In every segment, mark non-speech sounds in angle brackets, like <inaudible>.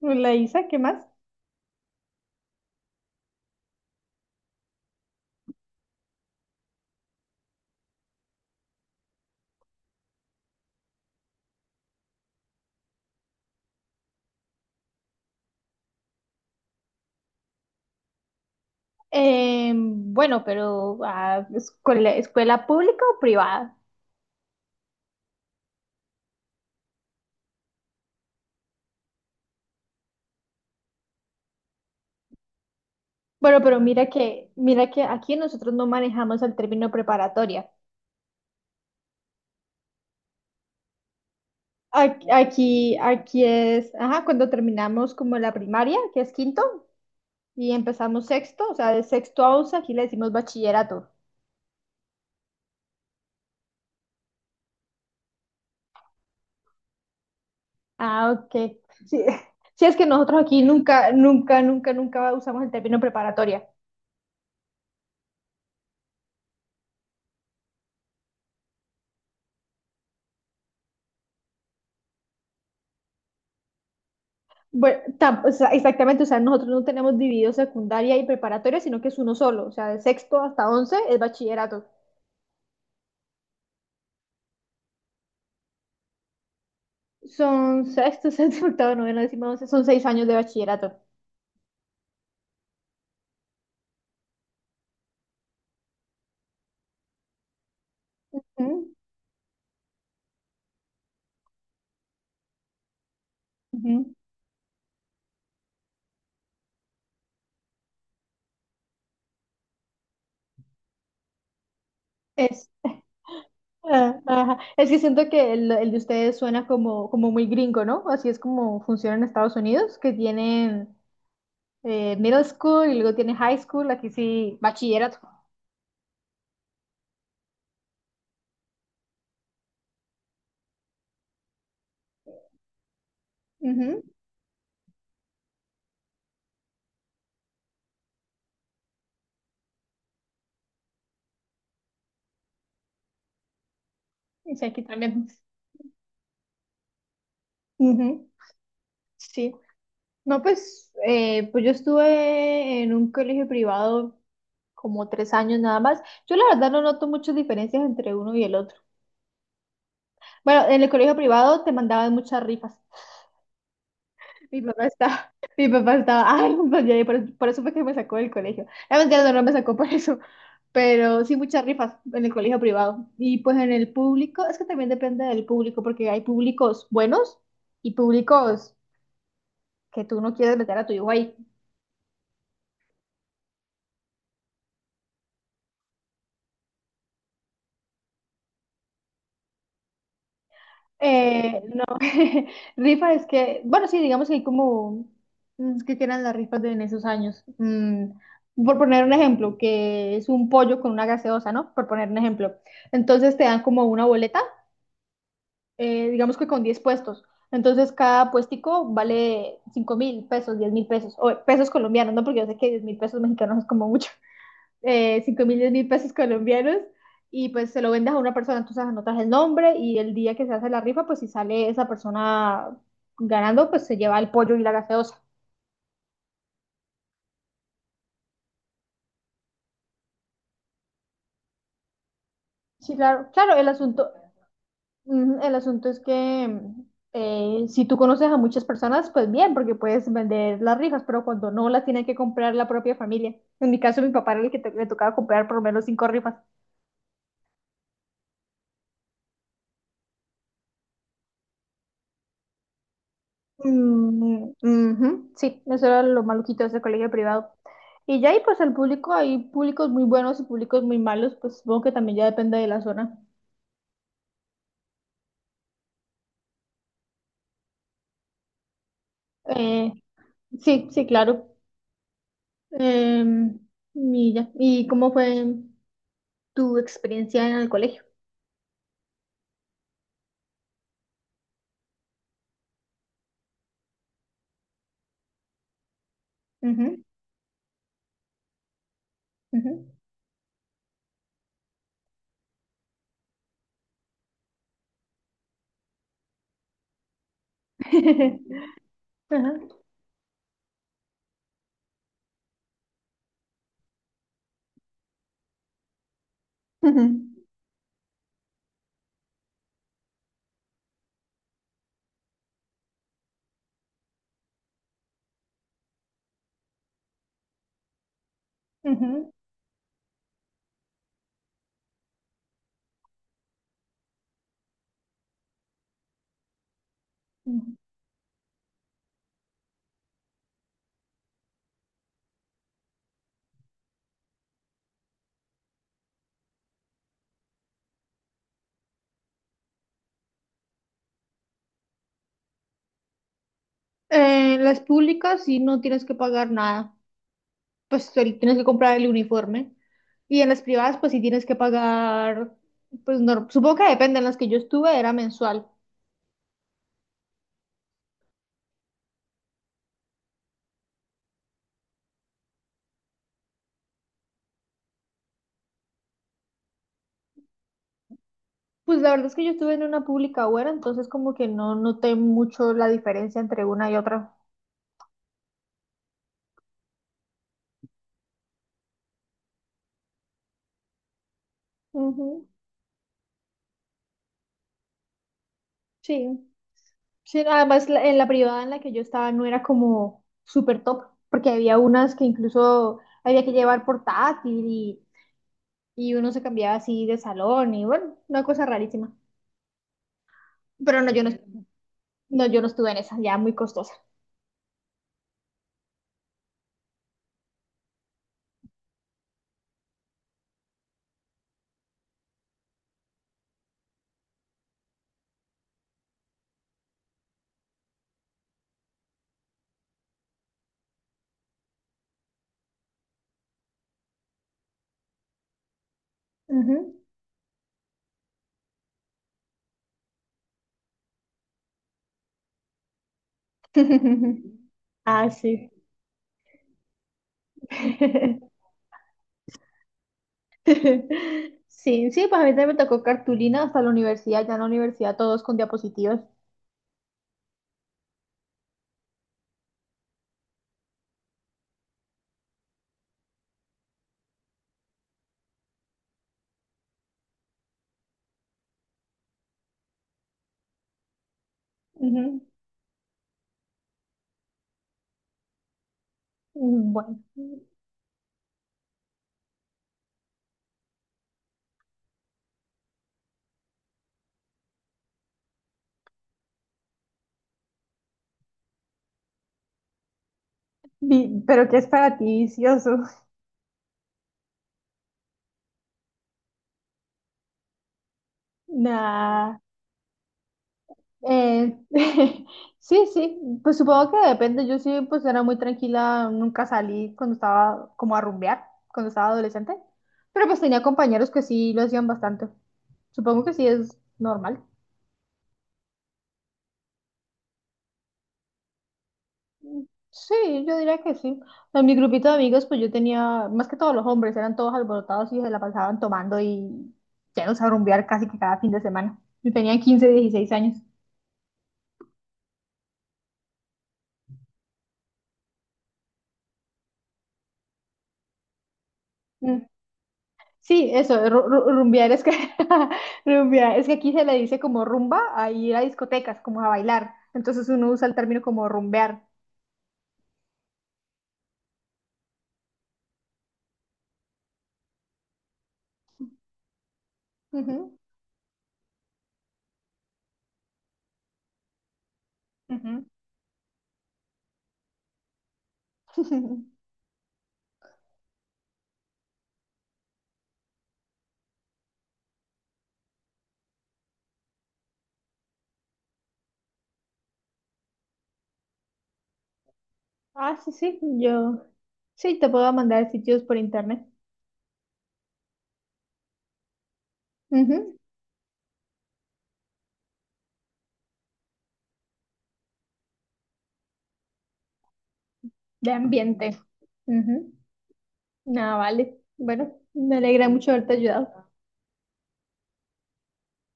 La Isa, ¿qué más? Bueno, pero escuela, pública o privada. Bueno, pero mira que aquí nosotros no manejamos el término preparatoria. Aquí, es, ajá, cuando terminamos como la primaria, que es quinto, y empezamos sexto, o sea, de sexto a once, aquí le decimos bachillerato. Ah, ok. Sí, <laughs> sí es que nosotros aquí nunca usamos el término preparatoria. Bueno, o sea, exactamente, o sea, nosotros no tenemos dividido secundaria y preparatoria, sino que es uno solo, o sea, de sexto hasta once es bachillerato. Son sexto, <laughs> séptimo, octavo, noveno, décimo, once, son seis años de bachillerato. Ujú, ujú. Es, ah, ajá. Es que siento que el de ustedes suena como muy gringo, ¿no? Así es como funciona en Estados Unidos, que tienen middle school y luego tienen high school, aquí sí, bachillerato. Ujú. Y sí, aquí también. Ujú. Sí. No, pues yo estuve en un colegio privado como tres años nada más. Yo la verdad no noto muchas diferencias entre uno y el otro. Bueno, en el colegio privado te mandaban muchas rifas. <laughs> <laughs> <laughs> Ay, no, ya, por eso fue que me sacó del colegio. La mentira no me sacó por eso, <laughs> pero sí muchas rifas en el colegio privado. Y pues en el público, es que también depende del público, porque hay públicos buenos y públicos que tú no quieres meter a tu hijo ahí. No, <laughs> rifa es que, bueno, sí, digamos que hay como ¿qué que eran las rifas de en esos años? Por poner un ejemplo, que es un pollo con una gaseosa, ¿no? Por poner un ejemplo. Entonces te dan como una boleta, digamos que con 10 puestos. Entonces cada puestico vale 5 mil pesos, 10 mil pesos, o pesos colombianos, ¿no? Porque yo sé que 10 mil pesos mexicanos es como mucho, 5 mil, 10 mil pesos colombianos. Y pues se lo vendes a una persona, entonces anotas el nombre y el día que se hace la rifa, pues si sale esa persona ganando, pues se lleva el pollo y la gaseosa. Sí, claro, claro, el asunto es que si tú conoces a muchas personas, pues bien, porque puedes vender las rifas, pero cuando no las tiene que comprar la propia familia. En mi caso, mi papá era el le tocaba comprar por lo menos cinco rifas. Mm, ujú. Sí, eso era lo maluquito de ese colegio privado. Y ya ahí, pues el público, hay públicos muy buenos y públicos muy malos, pues supongo que también ya depende de la zona. Eh, sí, sí, claro. Eh, y ya. ¿Y cómo fue tu experiencia en el colegio? Ujú, ujú. <laughs> Ajá. Ujú, ujú. Ujú. Las públicas sí no tienes que pagar nada, pues ahorita tienes que comprar el uniforme. Y en las privadas, pues sí tienes que pagar, pues no, supongo que depende, en las que yo estuve era mensual. Pues la verdad es que yo estuve en una pública buena, entonces como que no noté mucho la diferencia entre una y otra. Ujú. Sí, sí, además en la privada en la que yo estaba no era como súper top, porque había unas que incluso había que llevar portátil, y uno se cambiaba así de salón y bueno, una cosa rarísima. Pero no, yo no estuve en esa, ya muy costosa. Ujú. <laughs> Ah, sí. <laughs> Sí, sí, pues a mí también me tocó cartulina hasta la universidad, ya en la universidad todos con diapositivas. Ujú. Bueno. Pero ¿qué es para ti vicioso? <laughs> Nah. Eh, <laughs> sí, sí, pues supongo que depende, yo sí, pues era muy tranquila, nunca salí cuando estaba como a rumbear, cuando estaba adolescente, pero pues tenía compañeros que sí lo hacían bastante, supongo que sí es normal. Sí, yo diría que sí. En mi grupito de amigos, pues yo tenía, más que todos los hombres, eran todos alborotados y se la pasaban tomando y llenos a rumbear casi que cada fin de semana. Yo tenía 15, 16 años. Mm, Sí, eso, rumbear es que <laughs> rumbear, es que aquí se le dice como rumba a ir a discotecas, como a bailar. Entonces uno usa el término como rumbear. Ujú, ujú. <laughs> Ah, sí, sí, yo sí te puedo mandar sitios por internet. Ujú. De ambiente. Ujú. No, vale. Bueno, me alegra mucho haberte ayudado.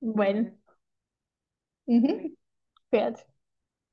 Bueno, ujú, cuídate.